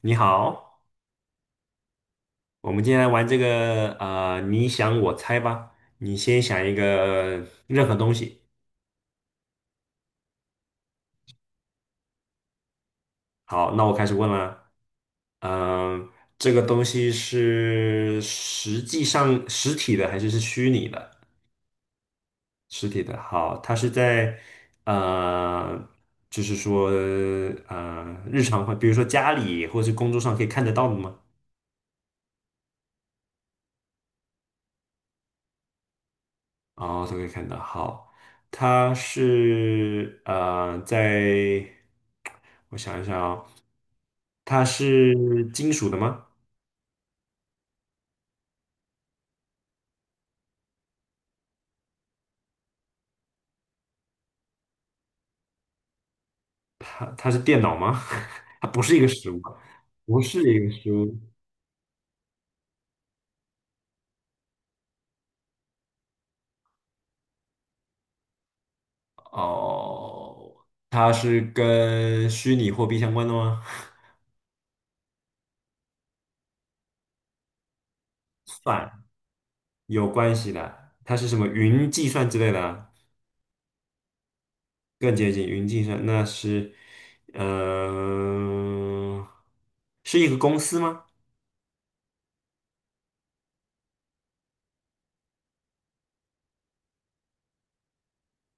你好，我们今天来玩这个你想我猜吧。你先想一个任何东西。好，那我开始问了。嗯、这个东西是实际上实体的还是虚拟的？实体的。好，它是在呃，就是说日常会，比如说家里或是工作上可以看得到的吗？哦，都可以看到。好，它是在我想一想，哦，它是金属的吗？它是电脑吗？它不是一个实物，不是一个实物。哦，它是跟虚拟货币相关的吗？算有关系的，它是什么云计算之类的啊？更接近云计算。那是，呃，是一个公司吗？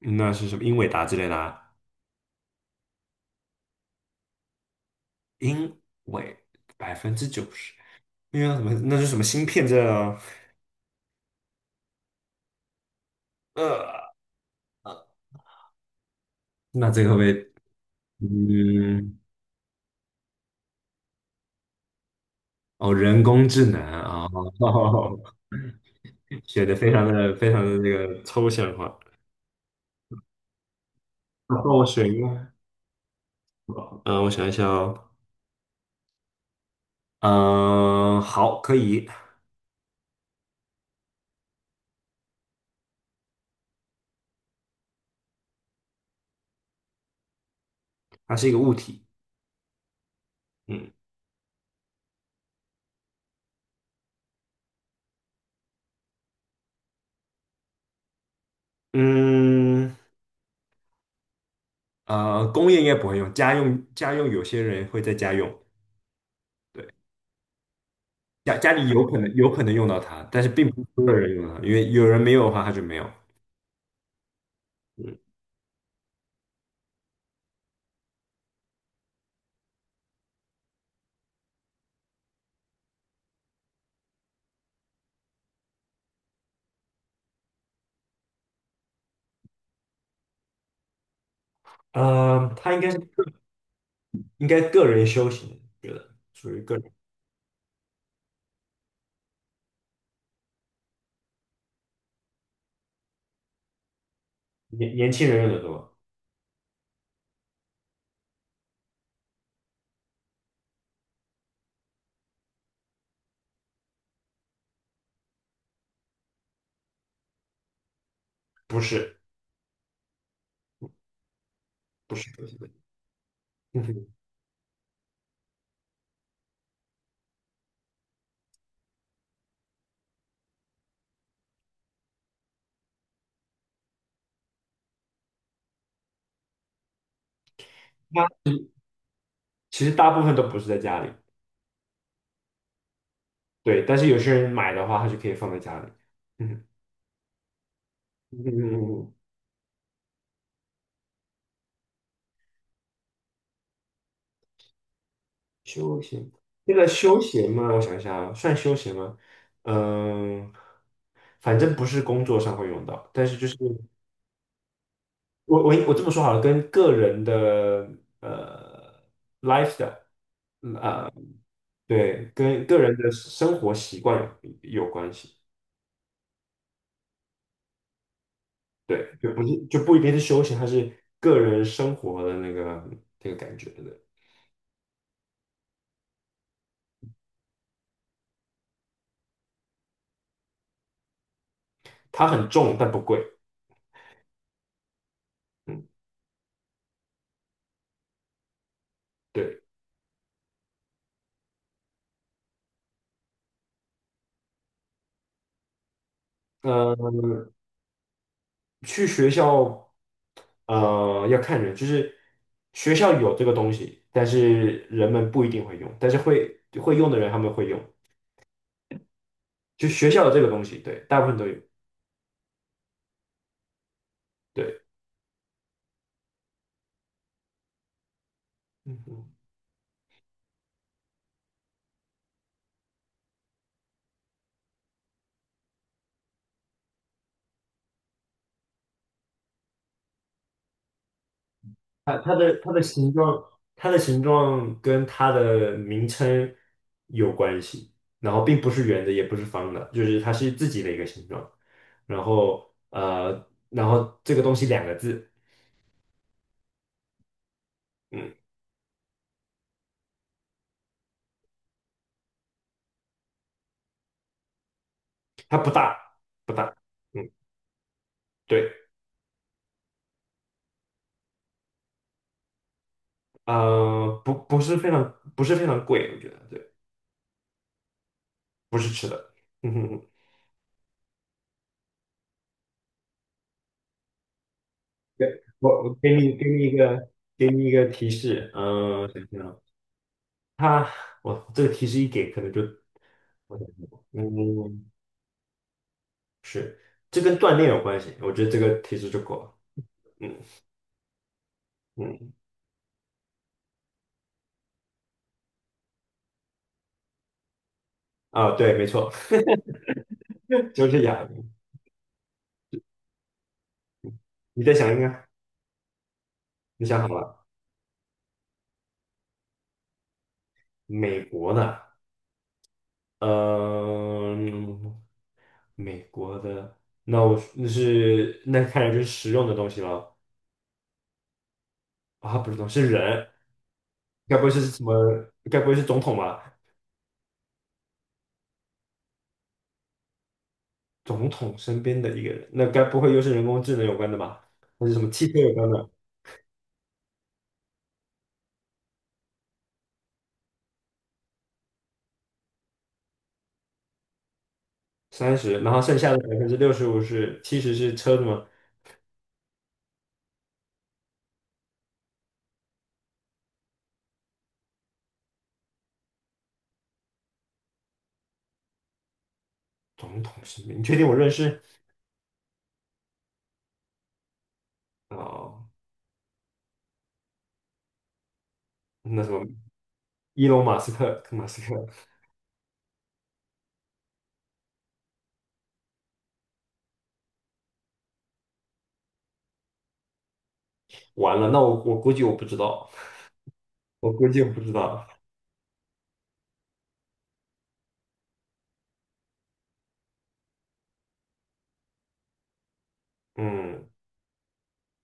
那是什么英伟达之类的啊？英伟百分之九十，那为什么？那是什么芯片这？呃那这个会不会嗯，哦，人工智能啊，哦，写的非常的非常的这个抽象化。那我选一个，嗯，我想一下哦，嗯，好，可以，它是一个物体，嗯嗯，工业应该不会用，家用家用有些人会在家用。对。家里有可能用到它，但是并不是所有人用到它，因为有人没有的话，它就没有。嗯，它应该是应该个人修行，觉得属于个人。年轻人用的多，不是不是，嗯哼，那其实大部分都不是在家里，对，但是有些人买的话，他就可以放在家里。嗯，嗯嗯嗯嗯，休闲，这个休闲嘛，我想一下啊，算休闲吗？嗯，反正不是工作上会用到，但是就是。我这么说好了，跟个人的呃 lifestyle，对，跟个人的生活习惯有关系，对，就不是就不一定是休闲，它是个人生活的那个这个感觉的。它很重但不贵，嗯，对，呃，去学校，要看人，就是学校有这个东西，但是人们不一定会用，但是会用的人他们会用，就学校有这个东西，对，大部分都有，对。嗯哼它的形状，它的形状跟它的名称有关系，然后并不是圆的，也不是方的，就是它是自己的一个形状。然后然后这个东西两个字，嗯，它不大，不大，嗯，对，不是非常贵，我觉得对，不是吃的，嗯哼哼，对，我给你给你一个提示，想想他，我这个提示一给，可能就，我想想嗯，是，这跟锻炼有关系，我觉得这个提示就够了。嗯嗯，啊，对，没错，就是哑铃。你再想一个，你想好了？美国的，嗯、美国的，那我那是那看来就是实用的东西了。啊，不是东西是人，该不会是什么？该不会是总统吧？总统身边的一个人，那该不会又是人工智能有关的吧？还是什么汽车有关的？三十，然后剩下的百分之六十五是七十是车的吗？总统是你确定我认识？哦，那什么伊隆 马斯克，马斯克，完了，那我估计我不知道，我估计我不知道。嗯，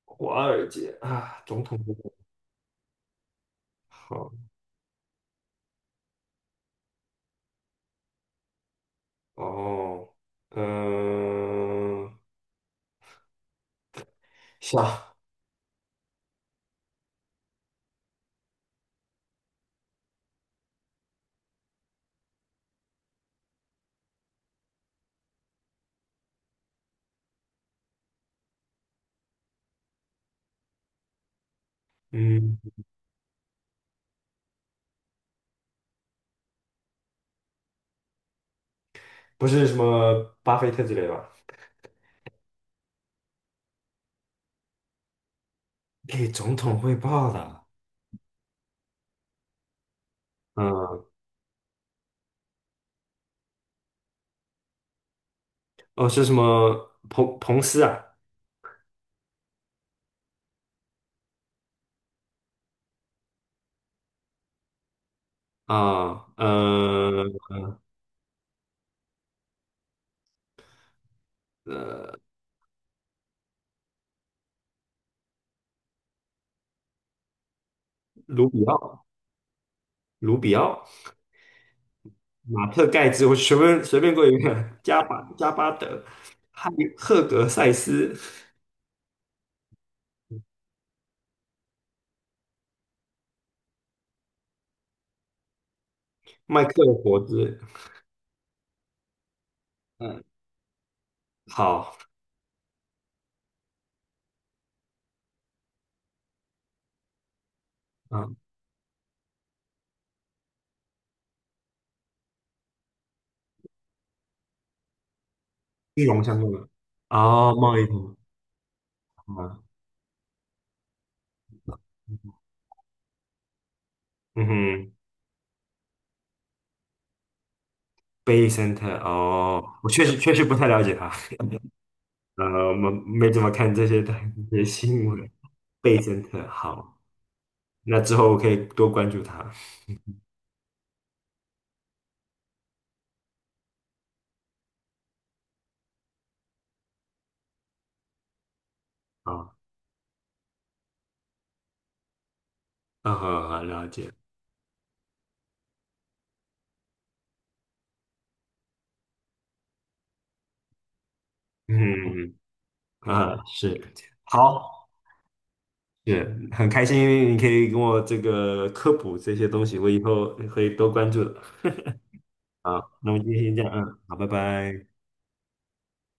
华尔街啊，总统不懂。好哦，嗯、下嗯，不是什么巴菲特之类吧？给总统汇报的，嗯，哦，是什么彭斯啊？啊，呃，呃卢比奥。卢比奥、马特盖茨，我随便过一遍，加巴德、汉赫格塞斯、麦克尔伯兹，嗯，好，嗯，金融相关的，哦，贸易通，啊，嗯哼，Bay Center，哦，我确实不太了解他，呃，我们没怎么看这些新闻。贝森特，好，那之后我可以多关注他。啊，嗯，好，好了解，嗯，啊，是，好。是很开心，你可以跟我这个科普这些东西，我以后会多关注的。啊，那么今天先这样，嗯，好，拜拜。